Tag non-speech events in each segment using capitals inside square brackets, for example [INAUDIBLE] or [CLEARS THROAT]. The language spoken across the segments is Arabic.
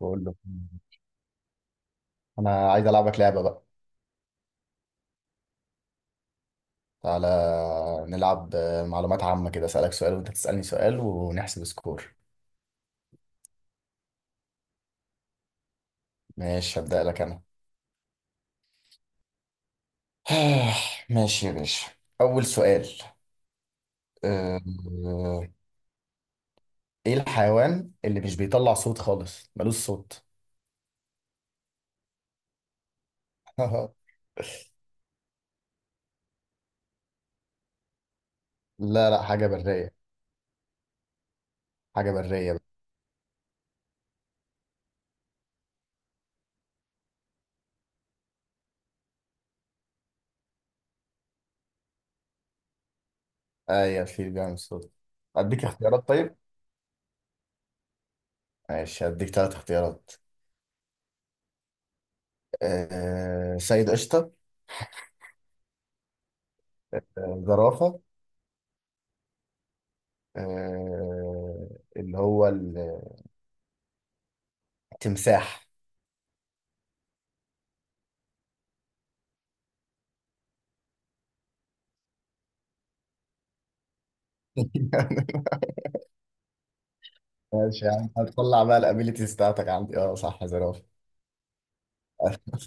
بقول له، انا عايز العبك لعبه بقى. تعالى نلعب، معلومات عامه كده، اسالك سؤال وانت تسالني سؤال ونحسب سكور. ماشي هبدا لك انا. [SIGHS] ماشي يا باشا، اول سؤال. آه، آه، ايه الحيوان اللي مش بيطلع صوت خالص، ملوش صوت؟ [LAUGHS] لا لا، حاجه بريه. حاجه بريه بقى. ايوه في بيعمل صوت. اديك اختيارات طيب. ماشي هديك ثلاث اختيارات. سيد قشطه، زرافه، آه، اللي هو التمساح. [LAUGHS] ماشي يا عم، هتطلع بقى الابيليتيز بتاعتك عندي. اه صح، زرافه. [LAUGHS]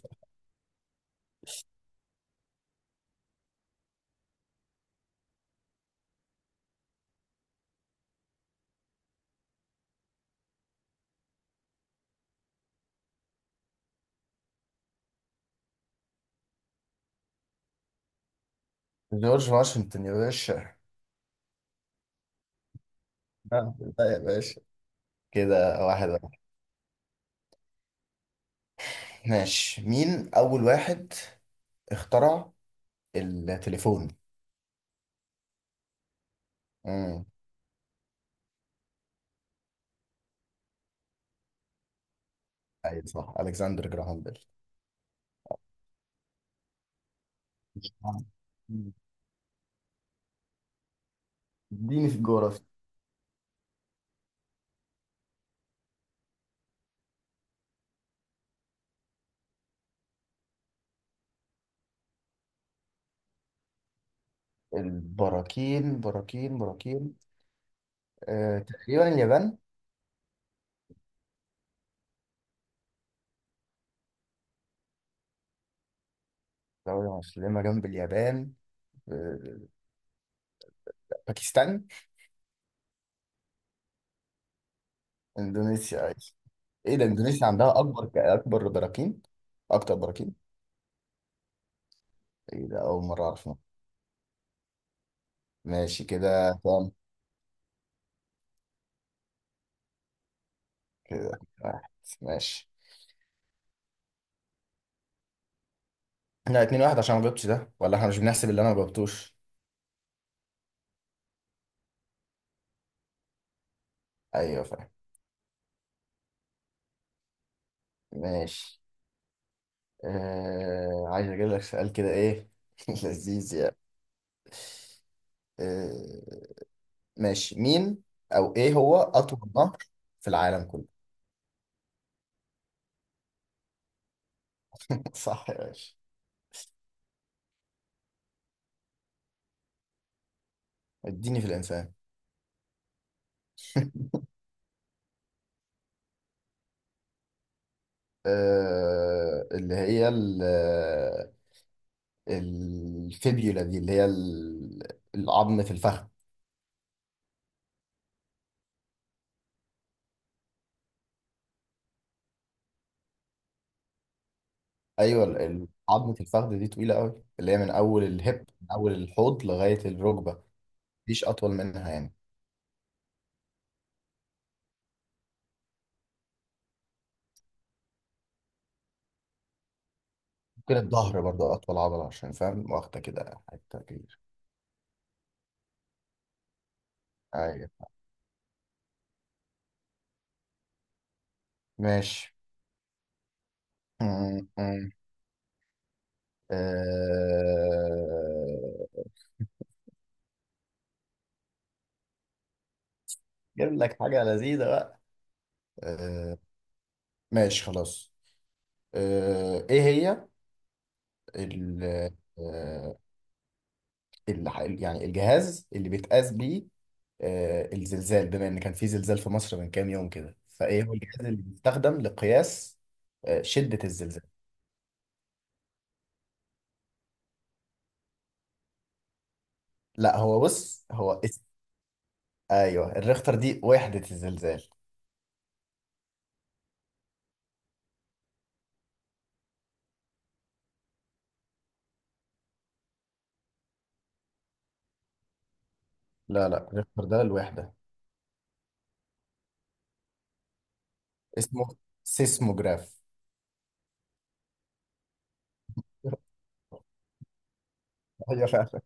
جورج واشنطن يا باشا. لا يا باشا، كده واحد واحد. ماشي، مين أول واحد اخترع التليفون؟ امم أيوة صح، ألكسندر جراهام بيل. آه. اديني في الجغرافيا. البراكين، براكين براكين تقريبا اليابان. دولة مسلمة جنب اليابان. آه، باكستان. اندونيسيا أيوة. ايه ده، اندونيسيا عندها اكبر براكين. اكتر براكين. ايه ده، اول مره اعرف. ماشي، كده كام؟ كده واحد، ماشي. لا، اتنين واحد، عشان ما جبتش ده، ولا احنا مش بنحسب اللي انا ما جبتوش؟ ايوه فاهم. ماشي. عايز اجيب لك سؤال كده ايه، [LAUGHS] لذيذ يعني. آه... ماشي، مين او ايه هو اطول نهر في العالم كله؟ [LAUGHS] صح يا باشا. اديني في الانسان. اللي هي الفيبيولا دي، اللي هي العظم في الفخذ. ايوه العظم في الفخذ دي طويله قوي، اللي هي من اول الحوض لغايه الركبه. مفيش اطول منها يعني. ممكن الظهر برضه اطول عضله، عشان فاهم واخده كده حته كبيره. ايوه. ماشي. م- م. آه، جيب لك حاجه لذيذه بقى. آه، ماشي خلاص. ايه هي ال- آه، يعني الجهاز اللي بيتقاس بيه الزلزال؟ بما ان كان في زلزال في مصر من كام يوم كده، فايه هو الجهاز اللي بيستخدم لقياس شدة الزلزال؟ لا، هو بص، هو اسم. ايوه الريختر دي وحدة الزلزال. لا لا، الريختر ده الوحدة. اسمه سيسموجراف. [LAUGHS] ايوه فعلا.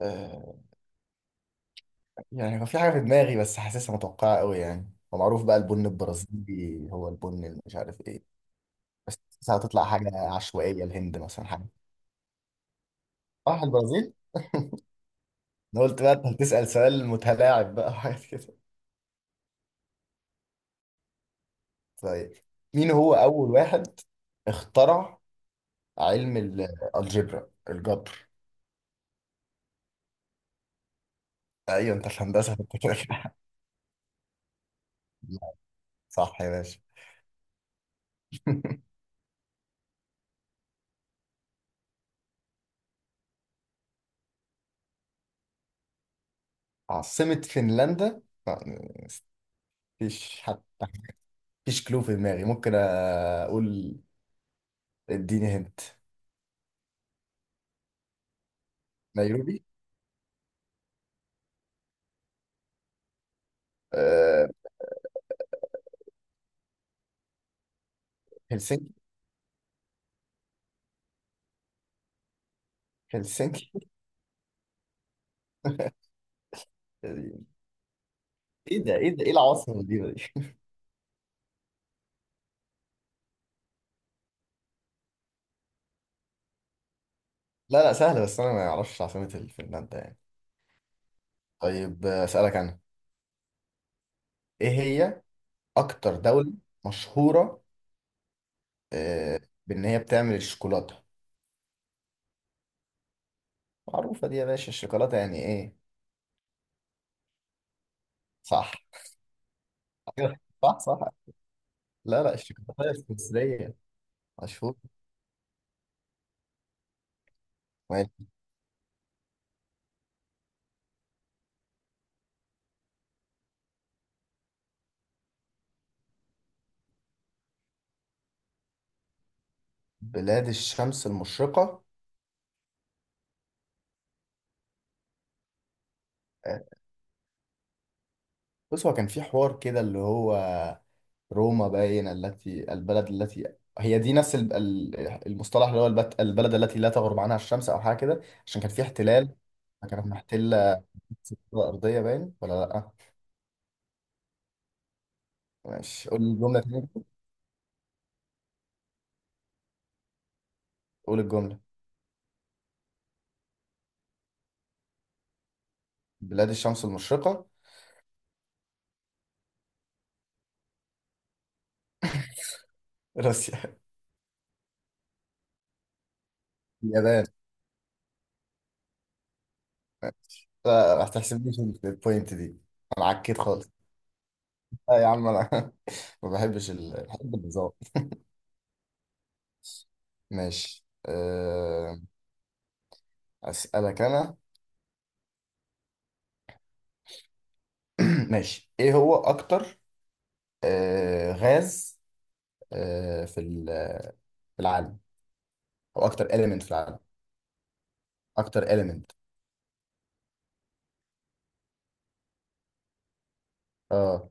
آه، يعني هو في حاجة في دماغي، بس حاسسها متوقعة قوي. يعني هو معروف بقى البن البرازيلي هو البن اللي مش عارف ايه. بس حاسسها هتطلع حاجة عشوائية، الهند مثلا، حاجة. صح، البرازيل. انا قلت بقى انت هتسأل سؤال متلاعب بقى [LAUGHS] وحاجات كده. طيب، مين هو اول واحد اخترع علم الجبر؟ ايوه انت في هندسة، انت كده كده. لا، [LAUGHS] صح يا باشا. عاصمة فنلندا مفيش حتى. مفيش، كلو في دماغي ممكن اقول. اديني هنت. نيروبي. أه... هلسنكي. هلسنكي. ايه؟ ده ايه، ده ايه العواصم دي؟ لا لا، سهلة، بس انا ما اعرفش عاصمة فنلندا يعني. طيب اسألك انا. ايه هي اكتر دولة مشهورة، آه، بان هي بتعمل الشوكولاتة؟ معروفة دي يا باشا، الشوكولاتة يعني ايه. صح. [LAUGHS] أيوة، صح صح. لا لا، الشوكولاتة السويسرية مشهورة. وهي بلاد الشمس المشرقة. آه، بص، هو كان في حوار كده اللي هو روما باين، التي البلد التي هي دي، نفس المصطلح اللي هو البلد التي لا تغرب عنها الشمس، او حاجة كده، عشان كان في احتلال، كانت محتلة الكرة الأرضية باين ولا لأ؟ ماشي، قول الجملة تاني. قول الجملة. بلاد الشمس المشرقة. روسيا. اليابان. لا، ما تحسبنيش في البوينت دي، انا عكيت خالص. لا يا عم انا، [LAUGHS] ما بحبش بحب النظام. ماشي. اسالك انا. [CLEARS THROAT] ماشي، ايه هو اكتر غاز في في العالم، او اكتر اليمنت في العالم؟ اكتر اليمنت. اه.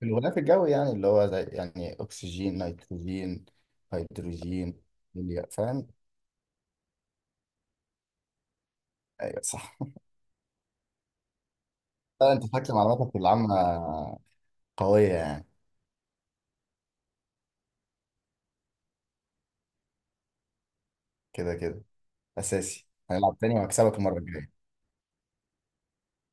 في الغلاف الجوي، يعني اللي هو زي يعني اكسجين، نيتروجين، هيدروجين. هيليا، فاهم. ايوه صح. لا، انت فاكر معلوماتك العامة قوية يعني. كده كده، اساسي هنلعب تاني وهكسبك المرة الجاية.